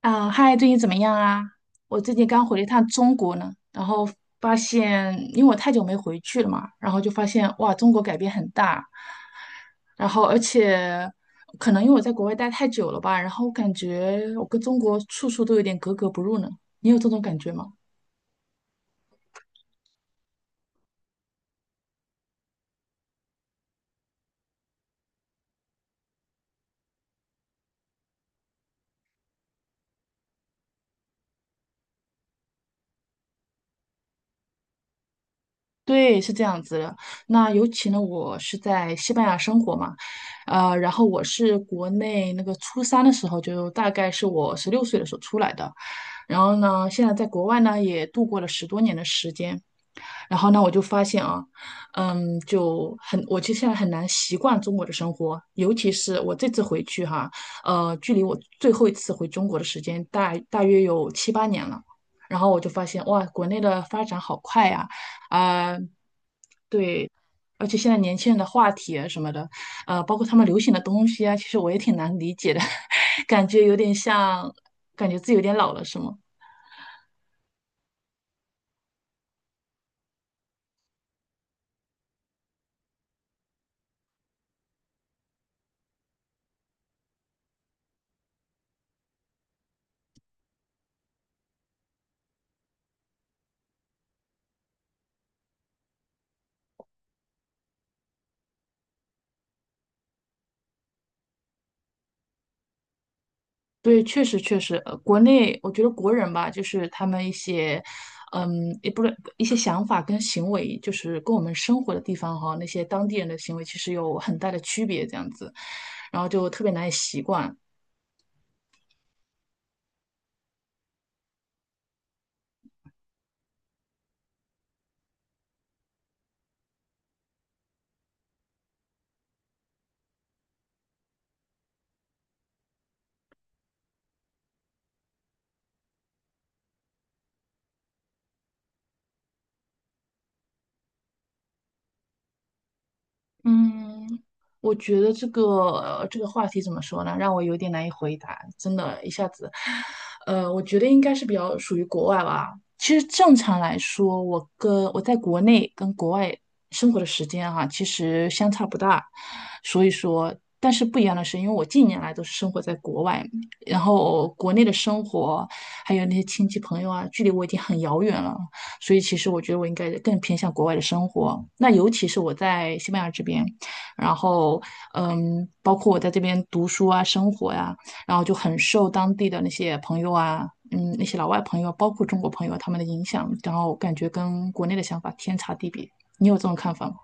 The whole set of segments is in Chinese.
啊，嗨，最近怎么样啊？我最近刚回了一趟中国呢，然后发现，因为我太久没回去了嘛，然后就发现哇，中国改变很大，然后而且可能因为我在国外待太久了吧，然后我感觉我跟中国处处都有点格格不入呢。你有这种感觉吗？对，是这样子的。那尤其呢，我是在西班牙生活嘛，然后我是国内那个初三的时候，就大概是我十六岁的时候出来的。然后呢，现在在国外呢也度过了十多年的时间。然后呢，我就发现啊，就很，我其实现在很难习惯中国的生活，尤其是我这次回去哈，距离我最后一次回中国的时间大约有七八年了。然后我就发现，哇，国内的发展好快呀，啊，对，而且现在年轻人的话题啊什么的，包括他们流行的东西啊，其实我也挺难理解的，感觉有点像，感觉自己有点老了，是吗？对，确实确实，国内我觉得国人吧，就是他们一些，也不是一些想法跟行为，就是跟我们生活的地方哈，那些当地人的行为其实有很大的区别，这样子，然后就特别难以习惯。嗯，我觉得这个话题怎么说呢，让我有点难以回答，真的，一下子，我觉得应该是比较属于国外吧。其实正常来说，我跟我在国内跟国外生活的时间哈、其实相差不大。所以说，但是不一样的是，因为我近年来都是生活在国外，然后国内的生活还有那些亲戚朋友啊，距离我已经很遥远了。所以其实我觉得我应该更偏向国外的生活。那尤其是我在西班牙这边，然后包括我在这边读书啊、生活呀、然后就很受当地的那些朋友啊，那些老外朋友，包括中国朋友他们的影响，然后感觉跟国内的想法天差地别。你有这种看法吗？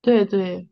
对对，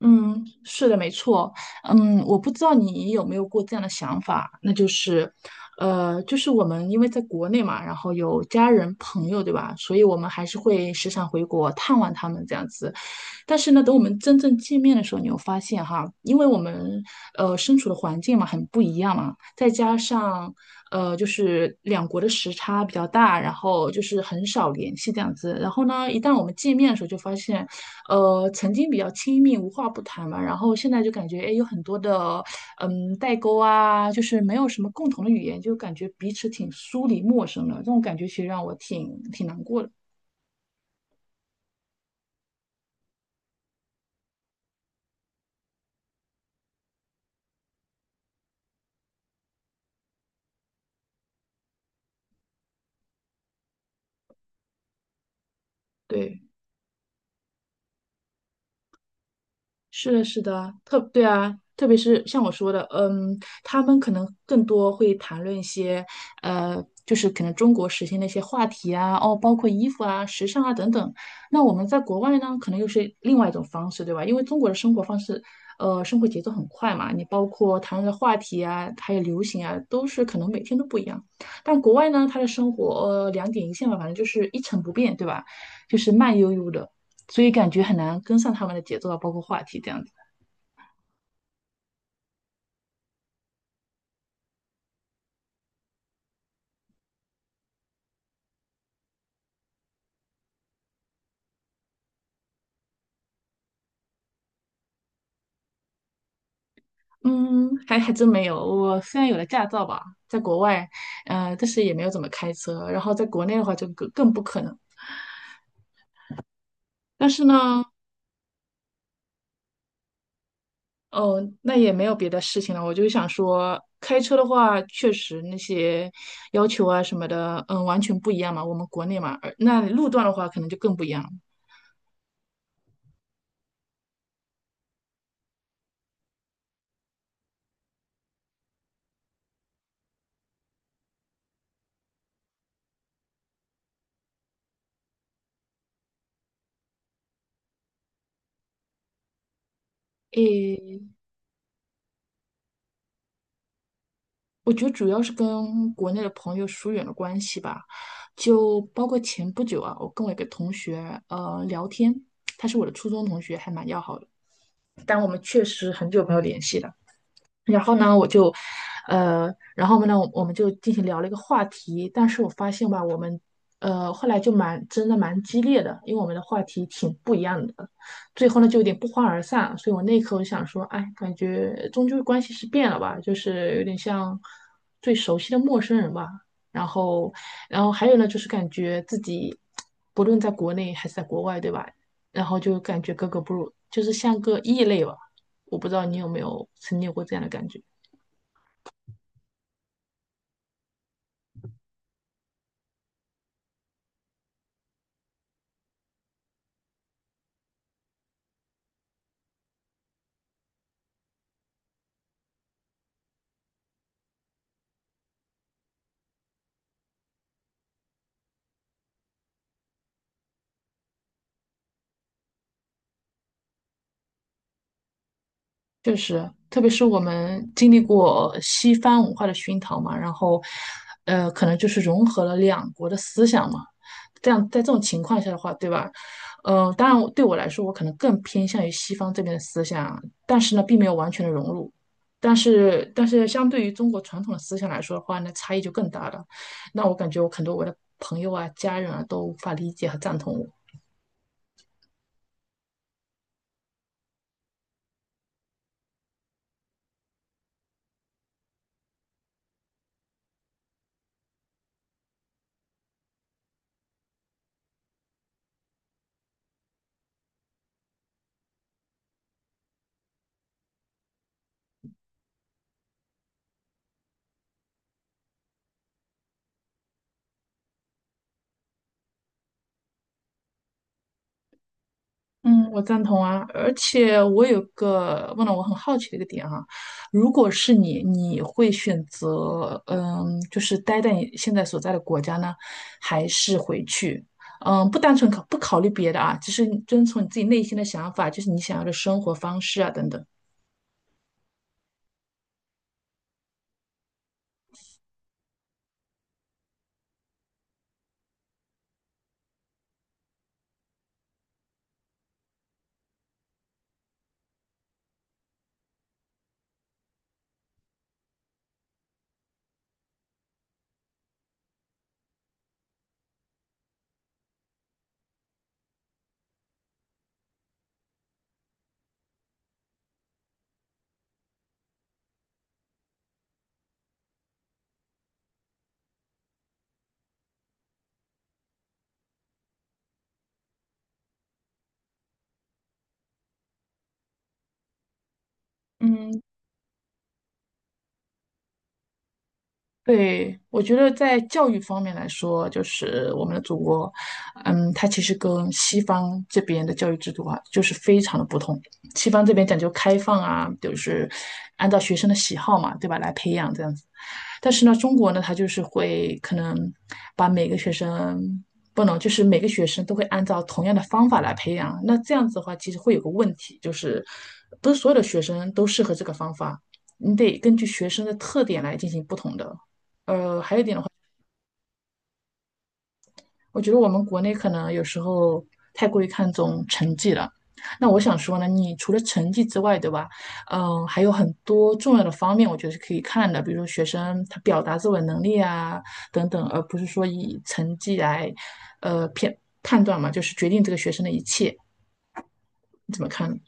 嗯，是的，没错，我不知道你有没有过这样的想法，那就是，就是我们因为在国内嘛，然后有家人朋友，对吧？所以我们还是会时常回国探望他们这样子。但是呢，等我们真正见面的时候，你会发现哈，因为我们身处的环境嘛很不一样嘛，再加上就是两国的时差比较大，然后就是很少联系这样子。然后呢，一旦我们见面的时候，就发现曾经比较亲密，无话不谈嘛，然后现在就感觉哎有很多的代沟啊，就是没有什么共同的语言，就感觉彼此挺疏离陌生的，这种感觉其实让我挺难过的。对。是的，是的，特对啊，特别是像我说的，他们可能更多会谈论一些，就是可能中国时兴的一些话题啊，哦，包括衣服啊、时尚啊等等。那我们在国外呢，可能又是另外一种方式，对吧？因为中国的生活方式，生活节奏很快嘛，你包括谈论的话题啊，还有流行啊，都是可能每天都不一样。但国外呢，他的生活，两点一线吧，反正就是一成不变，对吧？就是慢悠悠的。所以感觉很难跟上他们的节奏啊，包括话题这样子。嗯，还真没有。我虽然有了驾照吧，在国外，但是也没有怎么开车。然后在国内的话，就更不可能。但是呢，哦，那也没有别的事情了。我就想说，开车的话，确实那些要求啊什么的，完全不一样嘛。我们国内嘛，而那路段的话，可能就更不一样了。诶，我觉得主要是跟国内的朋友疏远了关系吧，就包括前不久啊，我跟我一个同学聊天，他是我的初中同学，还蛮要好的，但我们确实很久没有联系了。然后呢，我们就进行聊了一个话题，但是我发现吧，我们，后来就蛮真的蛮激烈的，因为我们的话题挺不一样的，最后呢就有点不欢而散，所以我那一刻我就想说，哎，感觉终究关系是变了吧，就是有点像最熟悉的陌生人吧。然后，然后还有呢，就是感觉自己不论在国内还是在国外，对吧？然后就感觉格格不入，就是像个异类吧。我不知道你有没有曾经有过这样的感觉。确实，特别是我们经历过西方文化的熏陶嘛，然后，可能就是融合了两国的思想嘛。这样，在这种情况下的话，对吧？当然，对我来说，我可能更偏向于西方这边的思想，但是呢，并没有完全的融入。但是相对于中国传统的思想来说的话，那差异就更大了。那我感觉我很多我的朋友啊、家人啊都无法理解和赞同我。嗯，我赞同啊，而且我有个问了我很好奇的一个点啊，如果是你，你会选择就是待在你现在所在的国家呢，还是回去？不单纯考不考虑别的啊，只是遵从你自己内心的想法，就是你想要的生活方式啊等等。嗯。对，我觉得在教育方面来说，就是我们的祖国，它其实跟西方这边的教育制度啊，就是非常的不同。西方这边讲究开放啊，就是按照学生的喜好嘛，对吧，来培养这样子。但是呢，中国呢，它就是会可能把每个学生不能，就是每个学生都会按照同样的方法来培养。那这样子的话，其实会有个问题，就是不是所有的学生都适合这个方法。你得根据学生的特点来进行不同的。还有一点的话，我觉得我们国内可能有时候太过于看重成绩了。那我想说呢，你除了成绩之外，对吧？还有很多重要的方面，我觉得是可以看的，比如说学生他表达自我能力啊等等，而不是说以成绩来，呃，片判断嘛，就是决定这个学生的一切。你怎么看呢？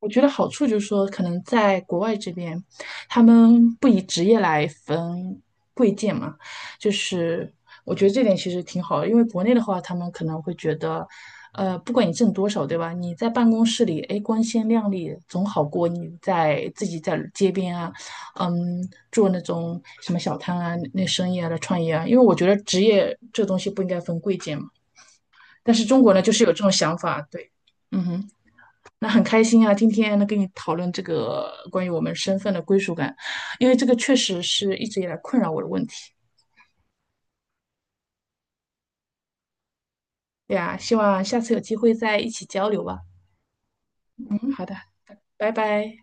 我觉得好处就是说，可能在国外这边，他们不以职业来分贵贱嘛，就是我觉得这点其实挺好的，因为国内的话，他们可能会觉得，不管你挣多少，对吧？你在办公室里，哎，光鲜亮丽总好过你在自己在街边啊，做那种什么小摊啊、那生意啊来创业啊，因为我觉得职业这东西不应该分贵贱嘛。但是中国呢，就是有这种想法，对，嗯哼。那很开心啊，今天能跟你讨论这个关于我们身份的归属感，因为这个确实是一直以来困扰我的问题。对呀，希望下次有机会再一起交流吧。嗯，好的，拜拜。